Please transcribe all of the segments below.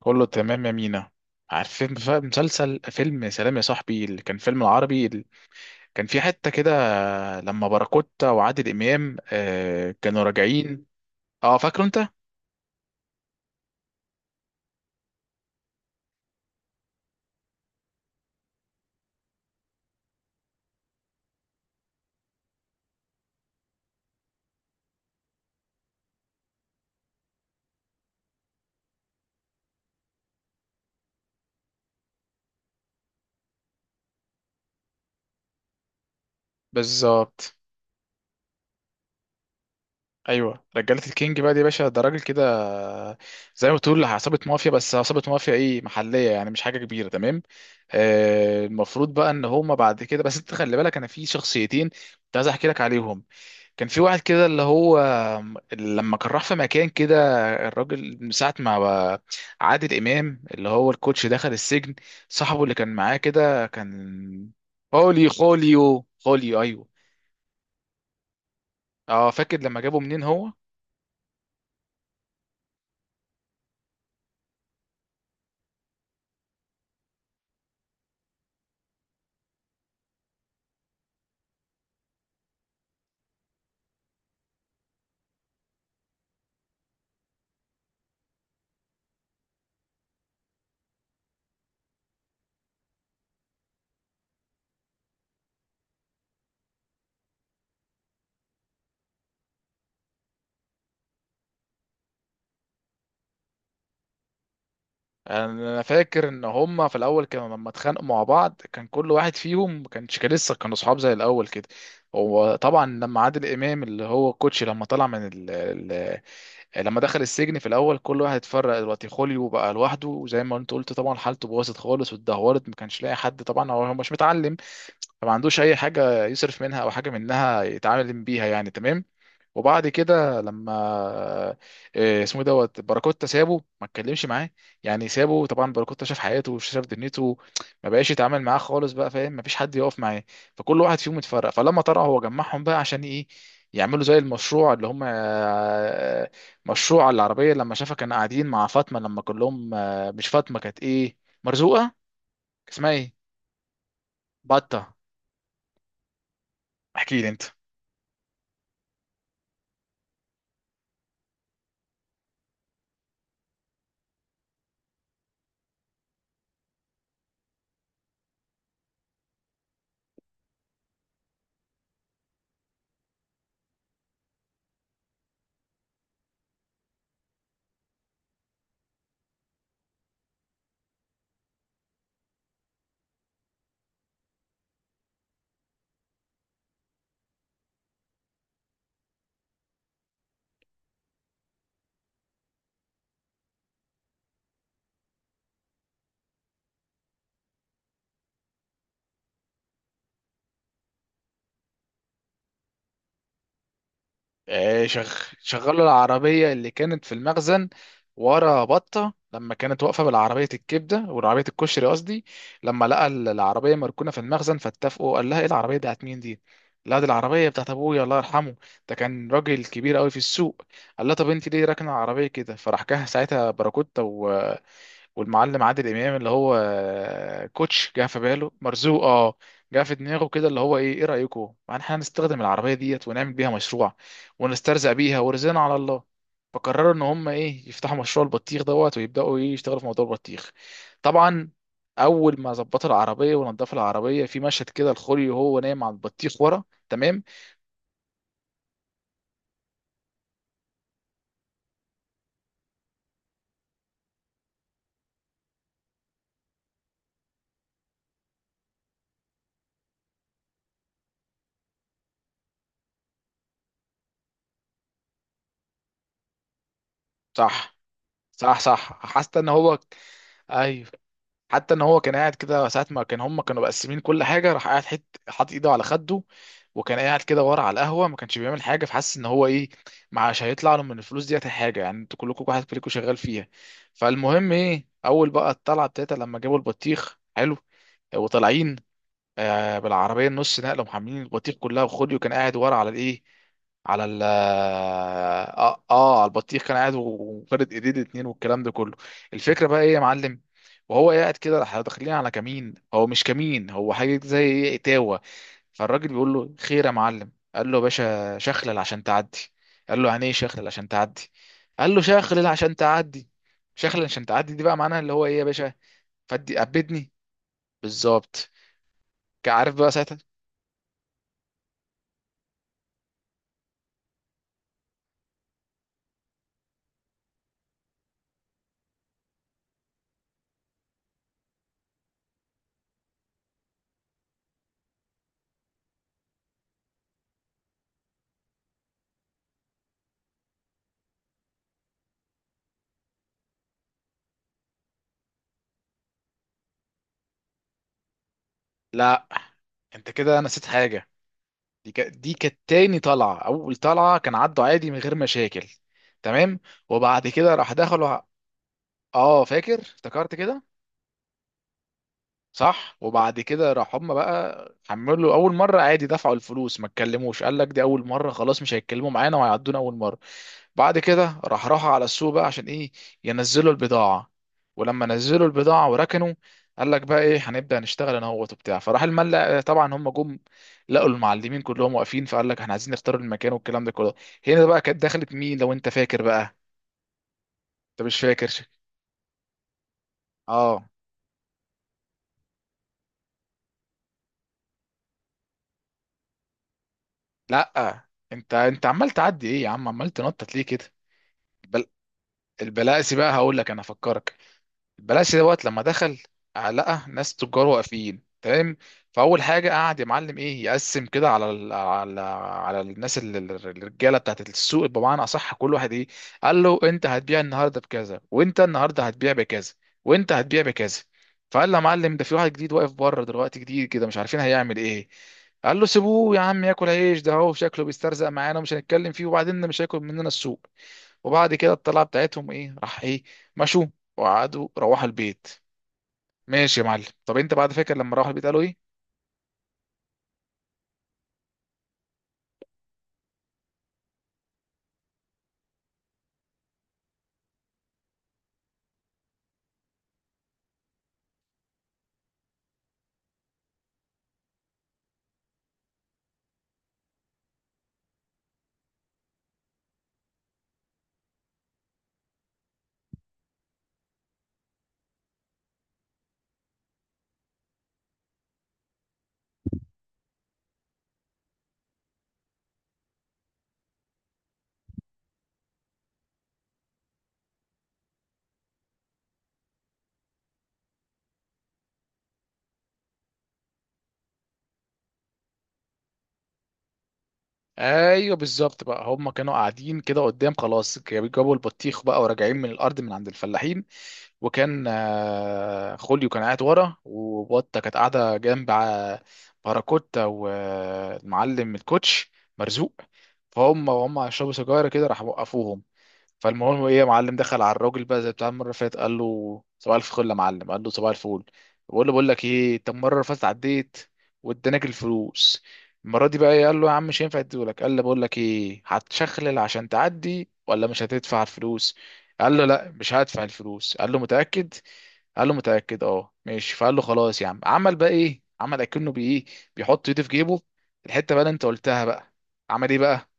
كله تمام يا مينا. عارفين بقى مسلسل فيلم سلام يا صاحبي اللي كان فيلم العربي اللي كان في حتة كده لما باراكوتا وعادل إمام كانوا راجعين. اه، فاكره انت؟ بالظبط. ايوه، رجالة الكينج بقى دي يا باشا ده راجل كده. آه، زي ما بتقول عصابة مافيا، بس عصابة مافيا ايه، محلية يعني، مش حاجة كبيرة. تمام. المفروض بقى ان هما بعد كده، بس انت خلي بالك، انا في شخصيتين كنت عايز احكي لك عليهم. كان في واحد كده اللي هو لما كان راح في مكان كده. الراجل من ساعة ما بقى عادل إمام اللي هو الكوتش دخل السجن، صاحبه اللي كان معاه كده كان خوليو خوليو، أيوه. اه، فاكر لما جابه منين هو. انا فاكر ان هما في الاول كانوا لما اتخانقوا مع بعض كان كل واحد فيهم ما كانش، كان لسه كانوا صحاب زي الاول كده. هو طبعا لما عادل امام اللي هو الكوتش لما طلع من، لما دخل السجن في الاول كل واحد اتفرق. دلوقتي خوليو بقى لوحده، وزي ما انت قلت، طبعا حالته باظت خالص واتدهورت، ما كانش لاقي حد. طبعا هو مش متعلم، فما عندوش اي حاجه يصرف منها او حاجه منها يتعامل بيها. يعني تمام. وبعد كده لما اسمه إيه دوت باراكوتا سابه ما اتكلمش معاه. يعني سابه. طبعا باراكوتا شاف حياته وشاف دنيته، ما بقاش يتعامل معاه خالص. بقى فاهم، ما فيش حد يقف معاه. فكل واحد فيهم اتفرق. فلما طلع هو جمعهم بقى عشان ايه؟ يعملوا زي المشروع اللي هم آه، مشروع العربية. لما شافها كان قاعدين مع فاطمة لما كلهم، مش فاطمة، كانت ايه، مرزوقة. اسمها ايه؟ بطة. احكي لي انت. آه، شغ... شغلوا العربية اللي كانت في المخزن ورا بطة لما كانت واقفة بالعربية الكبدة، والعربية الكشري قصدي. لما لقى العربية مركونة في المخزن فاتفقوا، قال لها: ايه العربية بتاعت مين دي؟ لا، دي العربية بتاعت أبويا الله يرحمه، ده كان راجل كبير قوي في السوق. قال لها: طب انت ليه راكنة العربية كده؟ فراح جه ساعتها باراكوتا والمعلم عادل امام اللي هو كوتش، جه في باله مرزوق. اه جه في دماغه كده اللي هو ايه رايكم يعني احنا هنستخدم العربيه ديت ونعمل بيها مشروع، ونسترزق بيها ورزقنا على الله. فقرروا ان هم ايه يفتحوا مشروع البطيخ دوت، ويبداوا ايه يشتغلوا في موضوع البطيخ. طبعا اول ما ظبطوا العربيه ونضفوا العربيه في مشهد كده الخوري وهو نايم على البطيخ ورا. تمام. صح، صح، صح، حاسس ان هو، ايوه. حتى ان هو كان قاعد كده ساعه ما كان هم كانوا مقسمين كل حاجه، راح قاعد حت، حاطط ايده على خده، وكان قاعد كده ورا على القهوه ما كانش بيعمل حاجه. فحس ان هو ايه، معاش هيطلع له من الفلوس ديت حاجه، يعني انتوا كلكم واحد فيكم شغال فيها. فالمهم ايه، اول بقى الطلعه بتاعتها لما جابوا البطيخ حلو وطالعين، بالعربيه النص نقله محملين البطيخ كلها، وخوليو كان قاعد ورا على الايه، على ال اه, آه آه، على البطيخ، كان قاعد وفرد ايديه الاتنين والكلام ده كله. الفكره بقى ايه يا معلم، وهو قاعد كده احنا داخلين على كمين. هو مش كمين، هو حاجه زي ايه، اتاوه. فالراجل بيقول له: خير يا معلم. قال له: يا باشا شخلل عشان تعدي. قال له: يعني ايه شخلل عشان تعدي؟ قال له: شخلل عشان تعدي. شخلل عشان تعدي دي بقى معناها اللي هو ايه يا باشا، فدي قبدني. بالظبط. كان عارف بقى ساعتها. لا، انت كده نسيت حاجه. دي كانت تاني طلعه، اول طلعه كان عدوا عادي من غير مشاكل. تمام. وبعد كده راح دخلوا اه، فاكر، افتكرت كده. صح. وبعد كده راح هم بقى حملوا اول مره عادي دفعوا الفلوس ما اتكلموش. قال لك دي اول مره خلاص مش هيتكلموا معانا وهيعدونا اول مره. بعد كده راح راحوا على السوق بقى عشان ايه؟ ينزلوا البضاعة. ولما نزلوا البضاعة وركنوا، قال لك بقى ايه، هنبدأ نشتغل انا هو وبتاع. فراح الملا، طبعا هم جم، لقوا المعلمين كلهم واقفين. فقال لك احنا عايزين نختار المكان والكلام ده كله. هنا بقى كانت دخلت مين لو انت فاكر بقى، انت مش فاكر. اه. لا انت عمال تعدي ايه يا عم، عمال تنطط ليه كده. بل... البلاسي بقى، هقول لك انا افكرك. البلاسي دوت لما دخل، لقى ناس تجار واقفين. تمام. فاول حاجه قعد يا معلم ايه يقسم كده على ال، على على الناس الرجاله بتاعت السوق، بمعنى اصح كل واحد ايه، قال له: انت هتبيع النهارده بكذا، وانت النهارده هتبيع بكذا، وانت هتبيع بكذا. فقال له: يا معلم ده في واحد جديد واقف بره دلوقتي جديد كده مش عارفين هيعمل ايه. قال له: سيبوه يا عم ياكل عيش، ده هو شكله بيسترزق معانا ومش هنتكلم فيه، وبعدين مش هياكل مننا السوق. وبعد كده الطلعه بتاعتهم ايه، راح ايه، مشوا وقعدوا روحوا البيت. ماشي يا معلم، طب انت بعد فكره لما روحوا البيت قالوا ايه؟ ايوه، بالظبط بقى هم كانوا قاعدين كده قدام خلاص، جابوا البطيخ بقى وراجعين من الارض من عند الفلاحين. وكان خوليو كان قاعد ورا، وبطه كانت قاعده جنب باراكوتا والمعلم الكوتش مرزوق. فهم وهم شربوا سجاير كده راح وقفوهم. فالمهم ايه يا معلم، دخل على الراجل بقى زي بتاع المره اللي فاتت، قال له صباح الفل يا معلم. قال له صباح الفل. بقول له بقول لك ايه، انت المره اللي فاتت عديت وادانك الفلوس، المره دي بقى إيه، قال له يا عم مش هينفع اديهولك. قال له بقول لك ايه هتشخلل عشان تعدي ولا مش هتدفع الفلوس. قال له لا مش هدفع الفلوس. قال له متاكد؟ قال له متاكد. اه ماشي. فقال له خلاص يا عم، عمل بقى ايه، عمل اكنه بايه، بيحط ايده في جيبه. الحته بقى اللي انت قلتها بقى، عمل ايه بقى.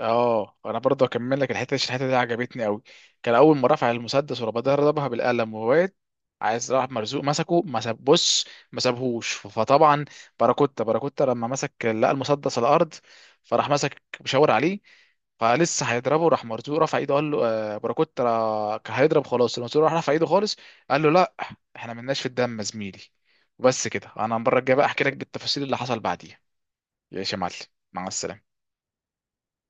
اه، انا برضه اكمل لك الحته دي عشان الحته دي عجبتني قوي. كان اول ما رفع المسدس ورا بعضها ضربها بالقلم وواد عايز، راح مرزوق مسكه ما ساب، بص، ما سابهوش. فطبعا باراكوتا لما مسك لقى المسدس على الارض، فراح مسك مشاور عليه. فلسه هيضربه راح مرزوق رفع ايده، قال له كان هيضرب خلاص المرزوق راح رفع ايده خالص. قال له لا، احنا ملناش في الدم يا زميلي. وبس كده. انا المره الجايه بقى احكي لك بالتفاصيل اللي حصل بعديها. يا شمال. مع السلامه.